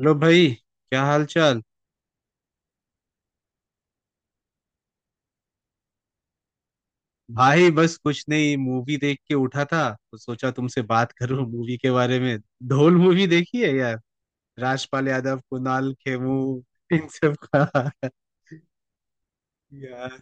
Hello भाई। क्या हाल चाल। भाई बस कुछ नहीं, मूवी देख के उठा था तो सोचा तुमसे बात करूं मूवी के बारे में। ढोल मूवी देखी है यार? राजपाल यादव, कुणाल खेमू इन सब का। यार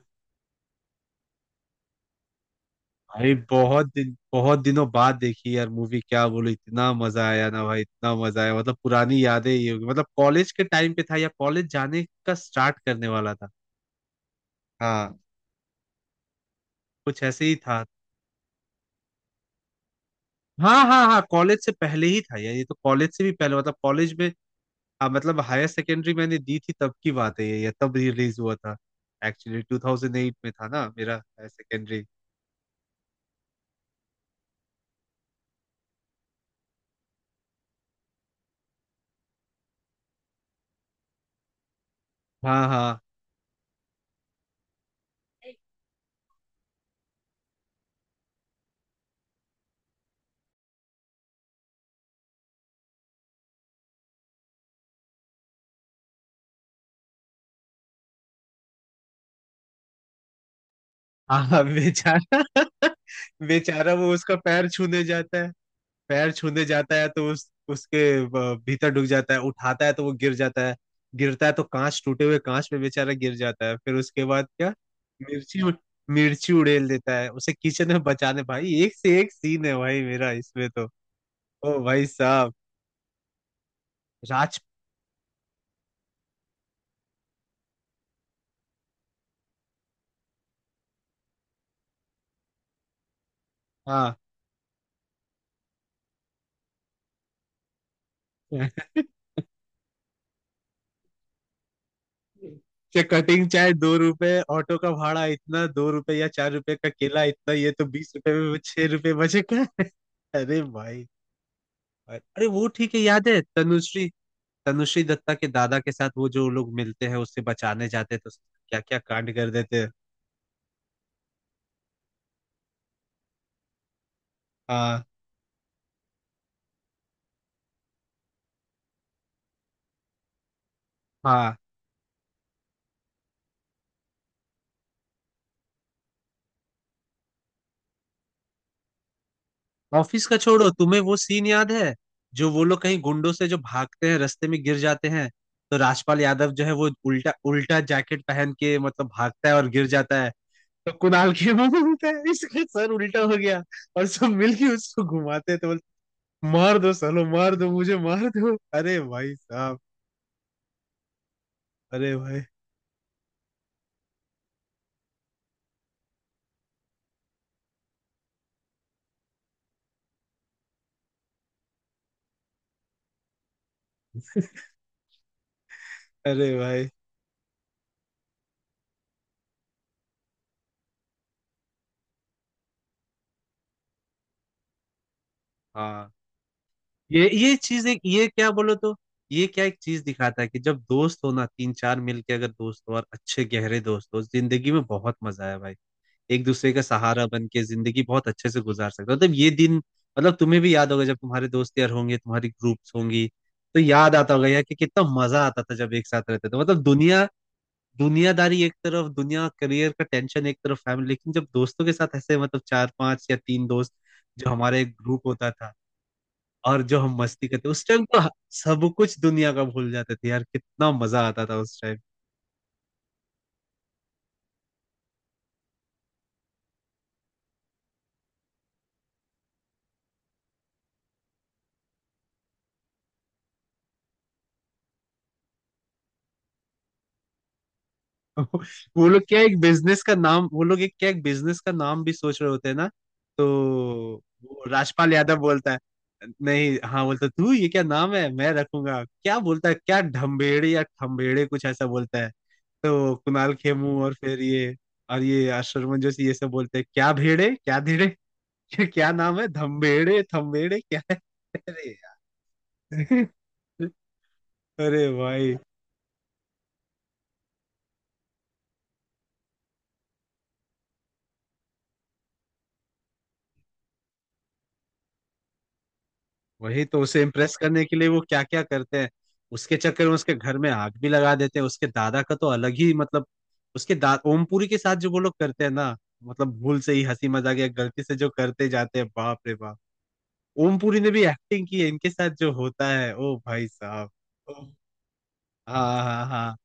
भाई बहुत दिनों बाद देखी यार मूवी, क्या बोलूं, इतना मजा आया ना भाई, इतना मजा आया। मतलब पुरानी यादें ही होगी, मतलब कॉलेज के टाइम पे था या कॉलेज जाने का स्टार्ट करने वाला था। हाँ, कुछ ऐसे ही था। हाँ हाँ हाँ, कॉलेज से पहले ही था यार ये, तो कॉलेज से भी पहले, मतलब कॉलेज में। हाँ, मतलब हायर सेकेंडरी मैंने दी थी तब की बात है, ये तब रिलीज हुआ था। एक्चुअली 2008 में था ना मेरा हायर सेकेंडरी। हाँ। हाँ। हाँ। हाँ, बेचारा। बेचारा वो, उसका पैर छूने जाता है। पैर छूने जाता है तो उस उसके भीतर डूब जाता है, उठाता है तो वो गिर जाता है। गिरता है तो कांच, टूटे हुए कांच में बेचारा गिर जाता है। फिर उसके बाद क्या, मिर्ची उड़- मिर्ची उड़ेल देता है उसे किचन में बचाने। भाई एक से एक सीन है भाई, मेरा इसमें तो। ओ भाई साहब। राज हाँ, से कटिंग, चाहे 2 रुपए, ऑटो का भाड़ा इतना, 2 रुपए या 4 रुपए का केला इतना, ये तो 20 रुपए में 6 रुपए बचेगा। अरे भाई। अरे वो ठीक है, याद है तनुश्री, तनुश्री दत्ता के दादा के साथ वो जो लोग मिलते हैं, उससे बचाने जाते हैं तो क्या क्या कांड कर देते हैं। हाँ। हाँ। ऑफिस का छोड़ो, तुम्हें वो सीन याद है जो वो लोग कहीं गुंडों से जो भागते हैं, रास्ते में गिर जाते हैं, तो राजपाल यादव जो है वो उल्टा उल्टा जैकेट पहन के मतलब भागता है और गिर जाता है। तो कुणाल के मुंह उल्टा है, इसका सर उल्टा हो गया, और सब मिलके उसको घुमाते थे, बोलते मार दो सालो, मार दो, मुझे मार दो। अरे भाई साहब। अरे भाई। अरे भाई। हाँ। ये चीज एक, ये क्या बोलो तो, ये क्या एक चीज दिखाता है कि जब दोस्त हो ना, तीन चार मिलके अगर दोस्त हो और अच्छे गहरे दोस्त हो, जिंदगी में बहुत मजा है भाई। एक दूसरे का सहारा बन के जिंदगी बहुत अच्छे से गुजार सकते हो। मतलब ये दिन, मतलब तुम्हें भी याद होगा जब तुम्हारे दोस्त यार होंगे, तुम्हारी ग्रुप्स होंगी, तो याद आता होगा यार कि कितना मजा आता था जब एक साथ रहते थे, मतलब दुनिया, दुनियादारी एक तरफ, दुनिया, करियर का टेंशन एक तरफ, फैमिली, लेकिन जब दोस्तों के साथ ऐसे, मतलब चार पांच या तीन दोस्त, जो हमारा एक ग्रुप होता था, और जो हम मस्ती करते उस टाइम, तो सब कुछ दुनिया का भूल जाते थे यार, कितना मजा आता था उस टाइम। वो लोग क्या एक बिजनेस का नाम, वो लोग एक क्या, एक बिजनेस का नाम भी सोच रहे होते हैं ना, तो वो राजपाल यादव बोलता है, नहीं हाँ बोलता तू, ये क्या नाम है मैं रखूंगा, क्या बोलता है, क्या ढम्बेड़े या ठम्बेड़े कुछ ऐसा बोलता है, तो कुणाल खेमू और फिर ये, और ये अशरमन जोशी ये सब बोलते हैं क्या भेड़े, क्या धीड़े। क्या नाम है, धम्बेड़े, थम्बेड़े क्या है। अरे यार। अरे भाई। वही तो, उसे इम्प्रेस करने के लिए वो क्या क्या करते हैं। उसके चक्कर में उसके घर में आग भी लगा देते हैं। उसके दादा का तो अलग ही मतलब, उसके दा ओमपुरी के साथ जो वो लोग करते हैं ना, मतलब भूल से ही हंसी मजाक या गलती से जो करते जाते हैं, बाप रे बाप। ओमपुरी ने भी एक्टिंग की है, इनके साथ जो होता है, ओ भाई साहब। हाँ। हाँ। हाँ।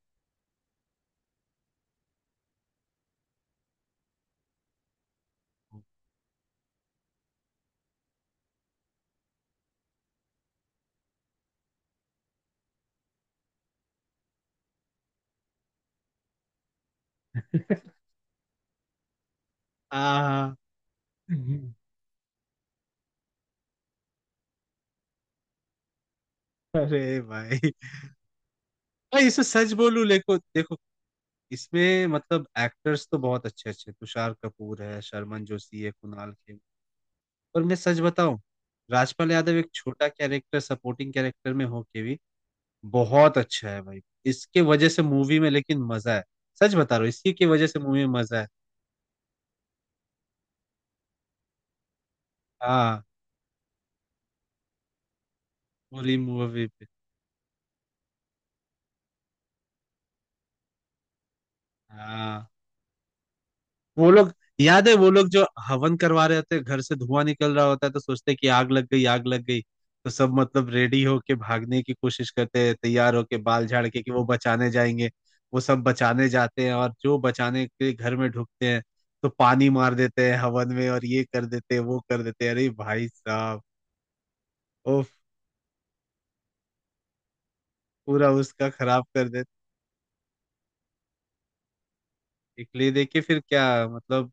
हाँ। हाँ। अरे भाई। भाई इसमें सच बोलूं, देखो देखो, इसमें मतलब एक्टर्स तो बहुत अच्छे अच्छे, तुषार कपूर है, शर्मन जोशी है, कुणाल खेमू, और मैं सच बताऊं, राजपाल यादव एक छोटा कैरेक्टर, सपोर्टिंग कैरेक्टर में होके भी बहुत अच्छा है भाई। इसके वजह से मूवी में लेकिन मजा है, सच बता रहा हूँ, इसी की वजह से मूवी में मजा है। हाँ। पूरी मूवी पे। हाँ वो लोग, याद है वो लोग जो हवन करवा रहे होते हैं, घर से धुआं निकल रहा होता है तो सोचते हैं कि आग लग गई, आग लग गई, तो सब मतलब रेडी होके भागने की कोशिश करते हैं, तैयार होके, बाल झाड़ के, कि वो बचाने जाएंगे। वो सब बचाने जाते हैं, और जो बचाने के घर में ढुकते हैं तो पानी मार देते हैं हवन में, और ये कर देते हैं, वो कर देते हैं। अरे भाई साहब। ओफ। पूरा उसका खराब कर देते। इसलिए देखिए फिर क्या मतलब।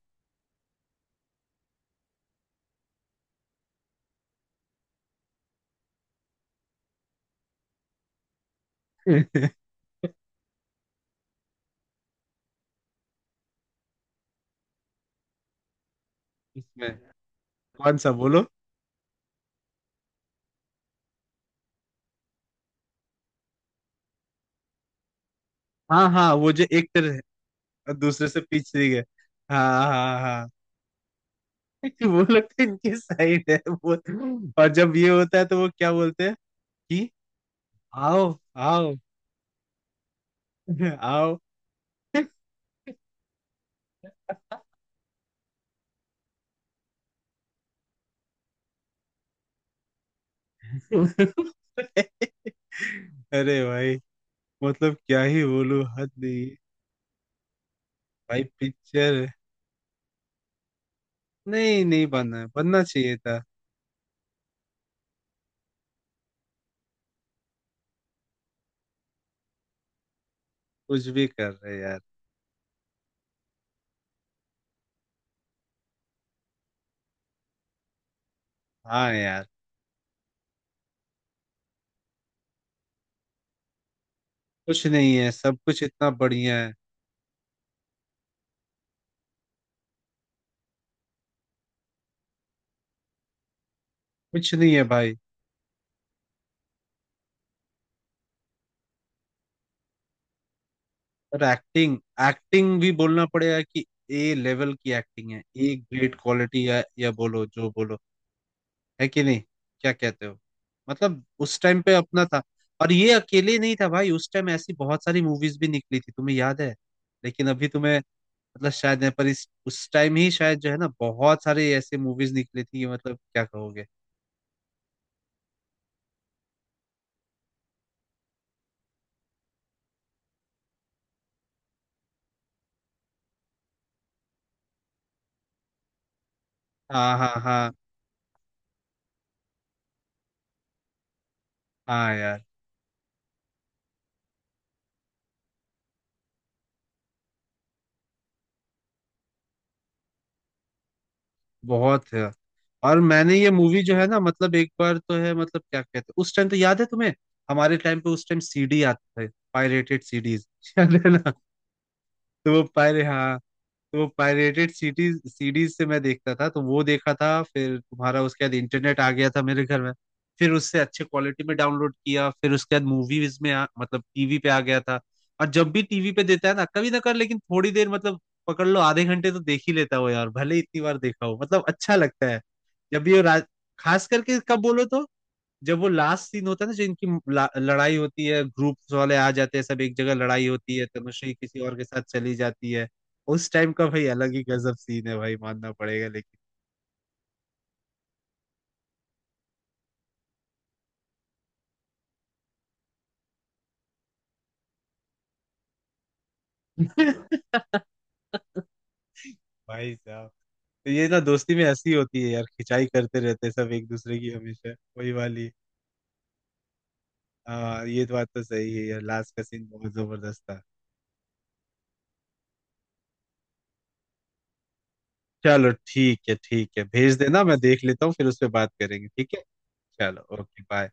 इसमें कौन सा बोलो? हाँ हाँ, वो जो एक तरह और दूसरे से पिछड़ी है। हाँ हाँ हाँ। वो लोग तो इनके साइड है। वो, और जब ये होता है तो वो क्या बोलते हैं कि आओ, आओ। आओ। अरे भाई। मतलब क्या ही बोलूं, हद नहीं है। भाई पिक्चर, नहीं नहीं, बनना है, बनना चाहिए था। कुछ भी कर रहे यार। हाँ यार। कुछ नहीं है, सब कुछ इतना बढ़िया है। कुछ नहीं है भाई। और एक्टिंग, एक्टिंग भी बोलना पड़ेगा कि ए लेवल की एक्टिंग है, ए ग्रेट क्वालिटी, या बोलो, जो बोलो, है कि नहीं, क्या कहते हो, मतलब उस टाइम पे अपना था। और ये अकेले नहीं था भाई, उस टाइम ऐसी बहुत सारी मूवीज भी निकली थी, तुम्हें याद है। लेकिन अभी तुम्हें मतलब शायद नहीं, पर इस उस टाइम ही शायद जो है ना, बहुत सारे ऐसे मूवीज निकली थी, मतलब क्या कहोगे। हाँ हाँ हाँ हाँ यार, बहुत है। और मैंने ये मूवी जो है ना, मतलब एक बार तो है, मतलब क्या कहते हैं, उस टाइम तो याद है तुम्हें, हमारे टाइम पे उस टाइम सीडी आते थे, पायरेटेड सीडीज। याद है ना, तो वो पायरे हाँ, तो पायरेटेड सीरीज सीरीज से मैं देखता था, तो वो देखा था। फिर तुम्हारा, उसके बाद इंटरनेट आ गया था मेरे घर में, फिर उससे अच्छे क्वालिटी में डाउनलोड किया। फिर उसके बाद मूवीज में मतलब टीवी पे आ गया था। और जब भी टीवी पे देता है ना, कभी ना कर, लेकिन थोड़ी देर मतलब, पकड़ लो आधे घंटे तो देख ही लेता हो यार, भले ही इतनी बार देखा हो, मतलब अच्छा लगता है। जब भी वो राज खास करके कब बोलो तो, जब वो लास्ट सीन होता है ना, जो इनकी लड़ाई होती है, ग्रुप्स वाले आ जाते हैं सब एक जगह, लड़ाई होती है, तनुश्री किसी और के साथ चली जाती है। उस टाइम का भाई अलग ही गजब सीन है भाई, मानना पड़ेगा लेकिन। भाई साहब। तो ये ना दोस्ती में हंसी होती है यार, खिंचाई करते रहते हैं सब एक दूसरे की, हमेशा वही वाली। हाँ, ये तो बात तो सही है यार, लास्ट का सीन बहुत जबरदस्त था। चलो ठीक है ठीक है, भेज देना, मैं देख लेता हूँ, फिर उस पर बात करेंगे, ठीक है, चलो, ओके, बाय।